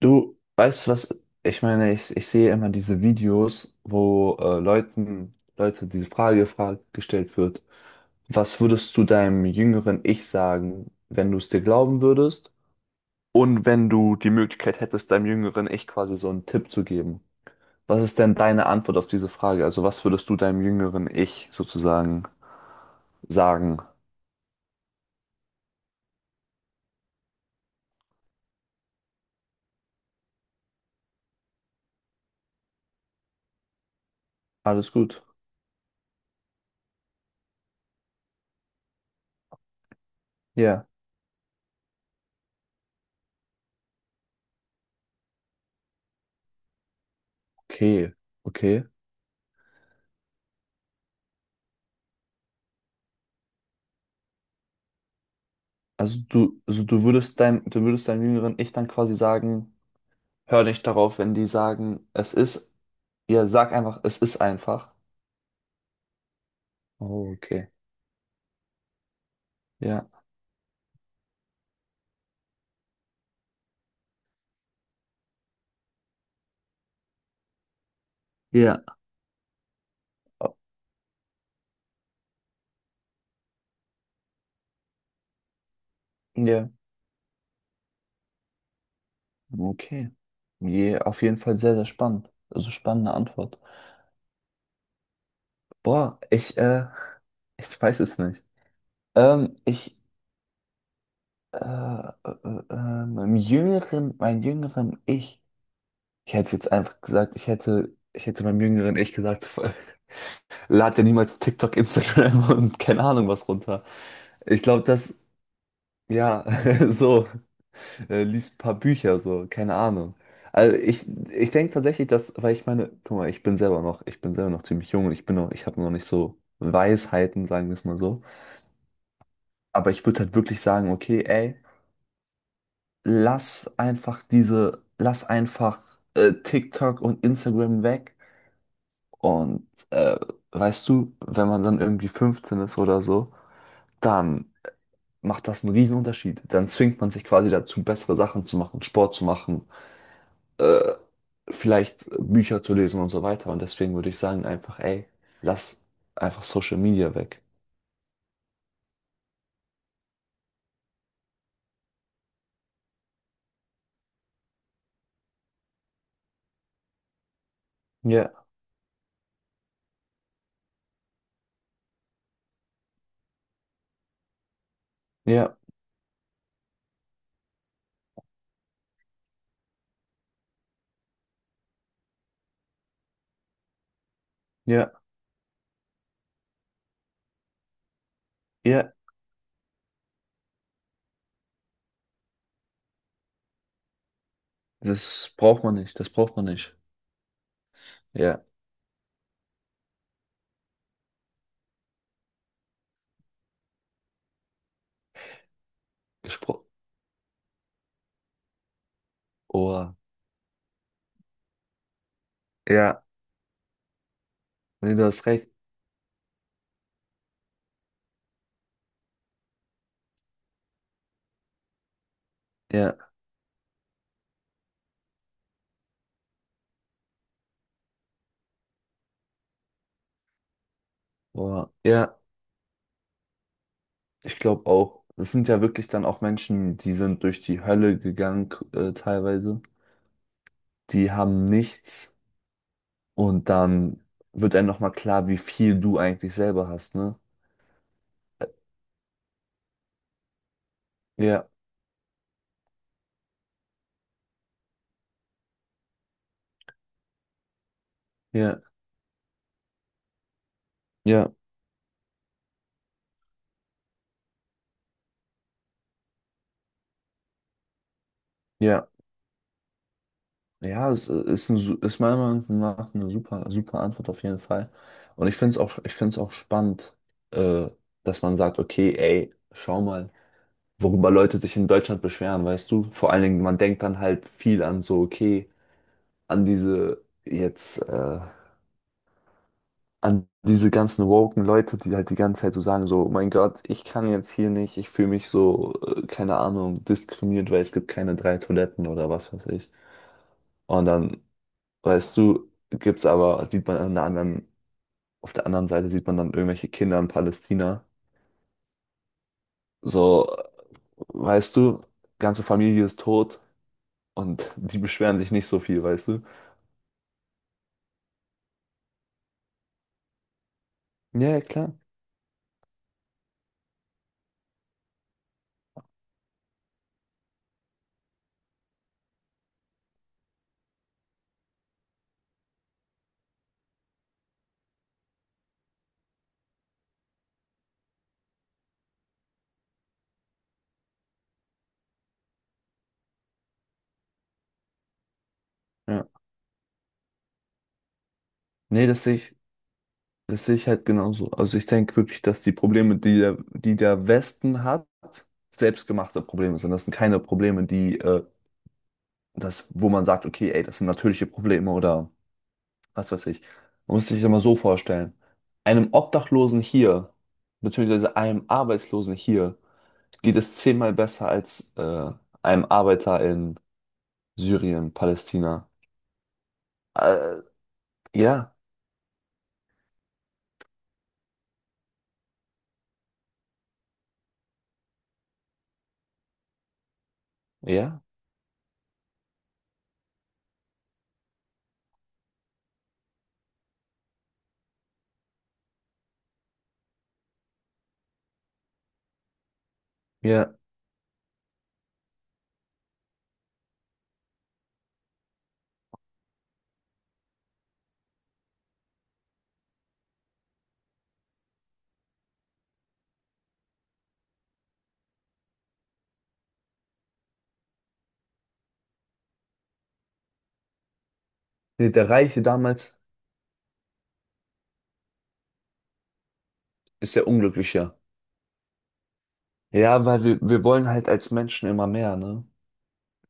Du weißt was, ich meine, ich sehe immer diese Videos, wo Leute diese Frage gestellt wird. Was würdest du deinem jüngeren Ich sagen, wenn du es dir glauben würdest? Und wenn du die Möglichkeit hättest, deinem jüngeren Ich quasi so einen Tipp zu geben. Was ist denn deine Antwort auf diese Frage? Also was würdest du deinem jüngeren Ich sozusagen sagen? Alles gut. Ja. Okay. Okay. Also du würdest du würdest deinem jüngeren Ich dann quasi sagen, hör nicht darauf, wenn die sagen, es ist. Ja, sag einfach, es ist einfach. Oh, okay. Ja. Ja. Oh, ja. Okay. Je, auf jeden Fall sehr, sehr spannend. Also spannende Antwort. Boah, ich weiß es nicht. Ähm, ich, äh, äh, mein jüngeren Ich. Ich hätte jetzt einfach gesagt, ich hätte meinem jüngeren Ich gesagt, lad dir niemals TikTok, Instagram und keine Ahnung was runter. Ich glaube, das, ja, so. Liest ein paar Bücher, so, keine Ahnung. Also ich denke tatsächlich, dass, weil ich meine, guck mal, ich bin selber noch ziemlich jung und ich bin noch, ich habe noch nicht so Weisheiten, sagen wir es mal so. Aber ich würde halt wirklich sagen, okay, ey, lass einfach TikTok und Instagram weg. Und weißt du, wenn man dann irgendwie 15 ist oder so, dann macht das einen riesen Unterschied. Dann zwingt man sich quasi dazu, bessere Sachen zu machen, Sport zu machen, äh, vielleicht Bücher zu lesen und so weiter. Und deswegen würde ich sagen, einfach, ey, lass einfach Social Media weg. Ja, ja, ja, ja. Das braucht man nicht, das braucht man nicht. Ja, Gespro oh, ja, nee, du hast recht. Ja, oh, ja, ich glaube auch. Das sind ja wirklich dann auch Menschen, die sind durch die Hölle gegangen, teilweise. Die haben nichts und dann wird einem nochmal klar, wie viel du eigentlich selber hast, ne? Ja, ja, ja, ja. Ja, es ist meiner Meinung nach eine super, super Antwort auf jeden Fall. Und ich finde es auch, ich finde es auch spannend, äh, dass man sagt, okay, ey, schau mal, worüber Leute sich in Deutschland beschweren, weißt du? Vor allen Dingen, man denkt dann halt viel an so, okay, an diese jetzt, äh, an diese ganzen woken Leute, die halt die ganze Zeit so sagen, so, oh mein Gott, ich kann jetzt hier nicht, ich fühle mich so, keine Ahnung, diskriminiert, weil es gibt keine drei Toiletten oder was weiß ich. Und dann weißt du, gibt's aber, sieht man an der anderen, auf der anderen Seite sieht man dann irgendwelche Kinder in Palästina. So, weißt du, ganze Familie ist tot und die beschweren sich nicht so viel, weißt du? Ja, ja, klar. Ja. Nee, das sehe ich halt genauso. Also ich denke wirklich, dass die Probleme, die der Westen hat, selbstgemachte Probleme sind. Das sind keine Probleme, wo man sagt, okay, ey, das sind natürliche Probleme oder was weiß ich. Man muss sich das mal so vorstellen. Einem Obdachlosen hier, beziehungsweise einem Arbeitslosen hier, geht es zehnmal besser als einem Arbeiter in Syrien, Palästina. Äh, ja, ja, ja. Nee, der Reiche damals ist der Unglücklicher. Ja, weil wir wollen halt als Menschen immer mehr, ne?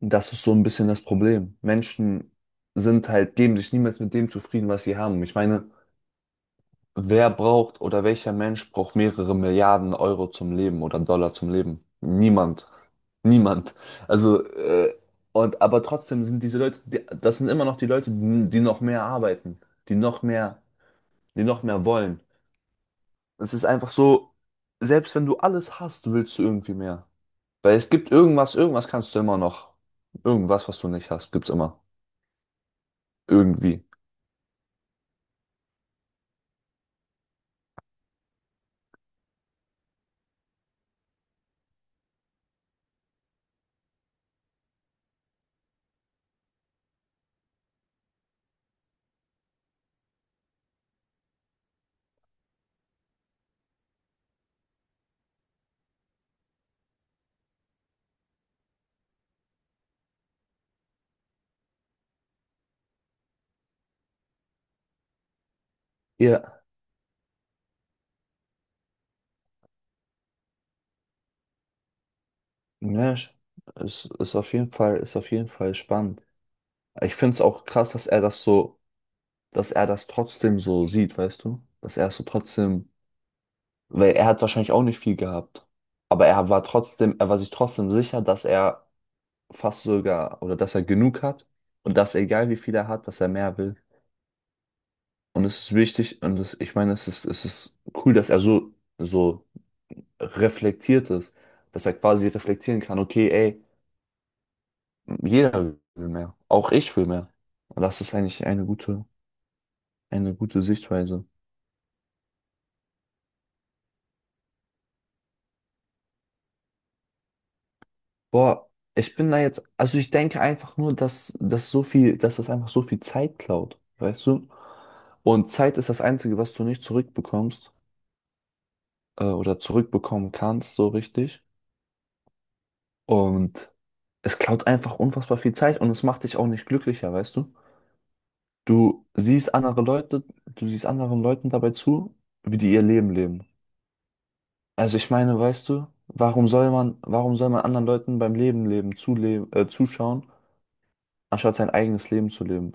Das ist so ein bisschen das Problem. Menschen sind halt, geben sich niemals mit dem zufrieden, was sie haben. Ich meine, wer braucht oder welcher Mensch braucht mehrere Milliarden Euro zum Leben oder Dollar zum Leben? Niemand. Niemand. Also, und aber trotzdem sind diese Leute, die, das sind immer noch die Leute, die die noch mehr arbeiten, die noch mehr, die noch mehr wollen. Es ist einfach so, selbst wenn du alles hast, willst du irgendwie mehr. Weil es gibt irgendwas, irgendwas kannst du immer noch. Irgendwas, was du nicht hast, gibt's immer. Irgendwie. Ja, Mensch, es ist auf jeden Fall, ist auf jeden Fall spannend. Ich finde es auch krass, dass er das trotzdem so sieht, weißt du? Dass er es so trotzdem, weil er hat wahrscheinlich auch nicht viel gehabt. Aber er war trotzdem, er war sich trotzdem sicher, dass er fast sogar, oder dass er genug hat und dass egal wie viel er hat, dass er mehr will. Und es ist wichtig, und es, ich meine, es ist cool, dass er so, so reflektiert ist, dass er quasi reflektieren kann, okay, ey, jeder will mehr, auch ich will mehr. Und das ist eigentlich eine gute Sichtweise. Boah, ich bin da jetzt, also ich denke einfach nur, dass das einfach so viel Zeit klaut, weißt du? Und Zeit ist das Einzige, was du nicht zurückbekommst oder zurückbekommen kannst, so richtig. Und es klaut einfach unfassbar viel Zeit und es macht dich auch nicht glücklicher, weißt du? Du siehst andere Leute, du siehst anderen Leuten dabei zu, wie die ihr Leben leben. Also ich meine, weißt du, warum soll man anderen Leuten beim Leben leben, zuschauen, anstatt sein eigenes Leben zu leben?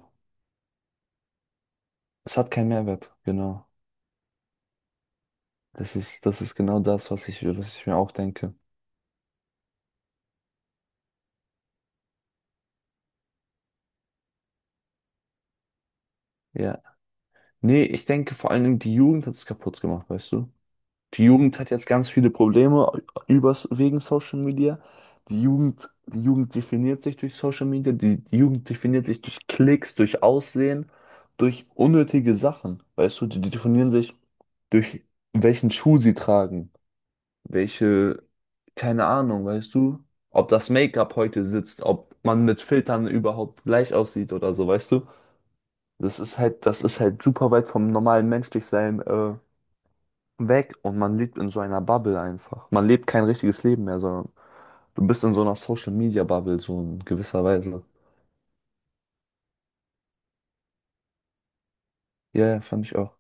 Es hat keinen Mehrwert, genau. Das ist genau das, was ich mir auch denke. Ja. Nee, ich denke vor allen Dingen, die Jugend hat es kaputt gemacht, weißt du? Die Jugend hat jetzt ganz viele Probleme wegen Social Media. Die Jugend definiert sich durch Social Media, die Jugend definiert sich durch Klicks, durch Aussehen, durch unnötige Sachen, weißt du? Die definieren sich durch welchen Schuh sie tragen, welche, keine Ahnung, weißt du, ob das Make-up heute sitzt, ob man mit Filtern überhaupt gleich aussieht oder so, weißt du? Das ist halt super weit vom normalen Menschlichsein weg und man lebt in so einer Bubble einfach. Man lebt kein richtiges Leben mehr, sondern du bist in so einer Social-Media-Bubble, so in gewisser Weise. Ja, ja, fand ich auch.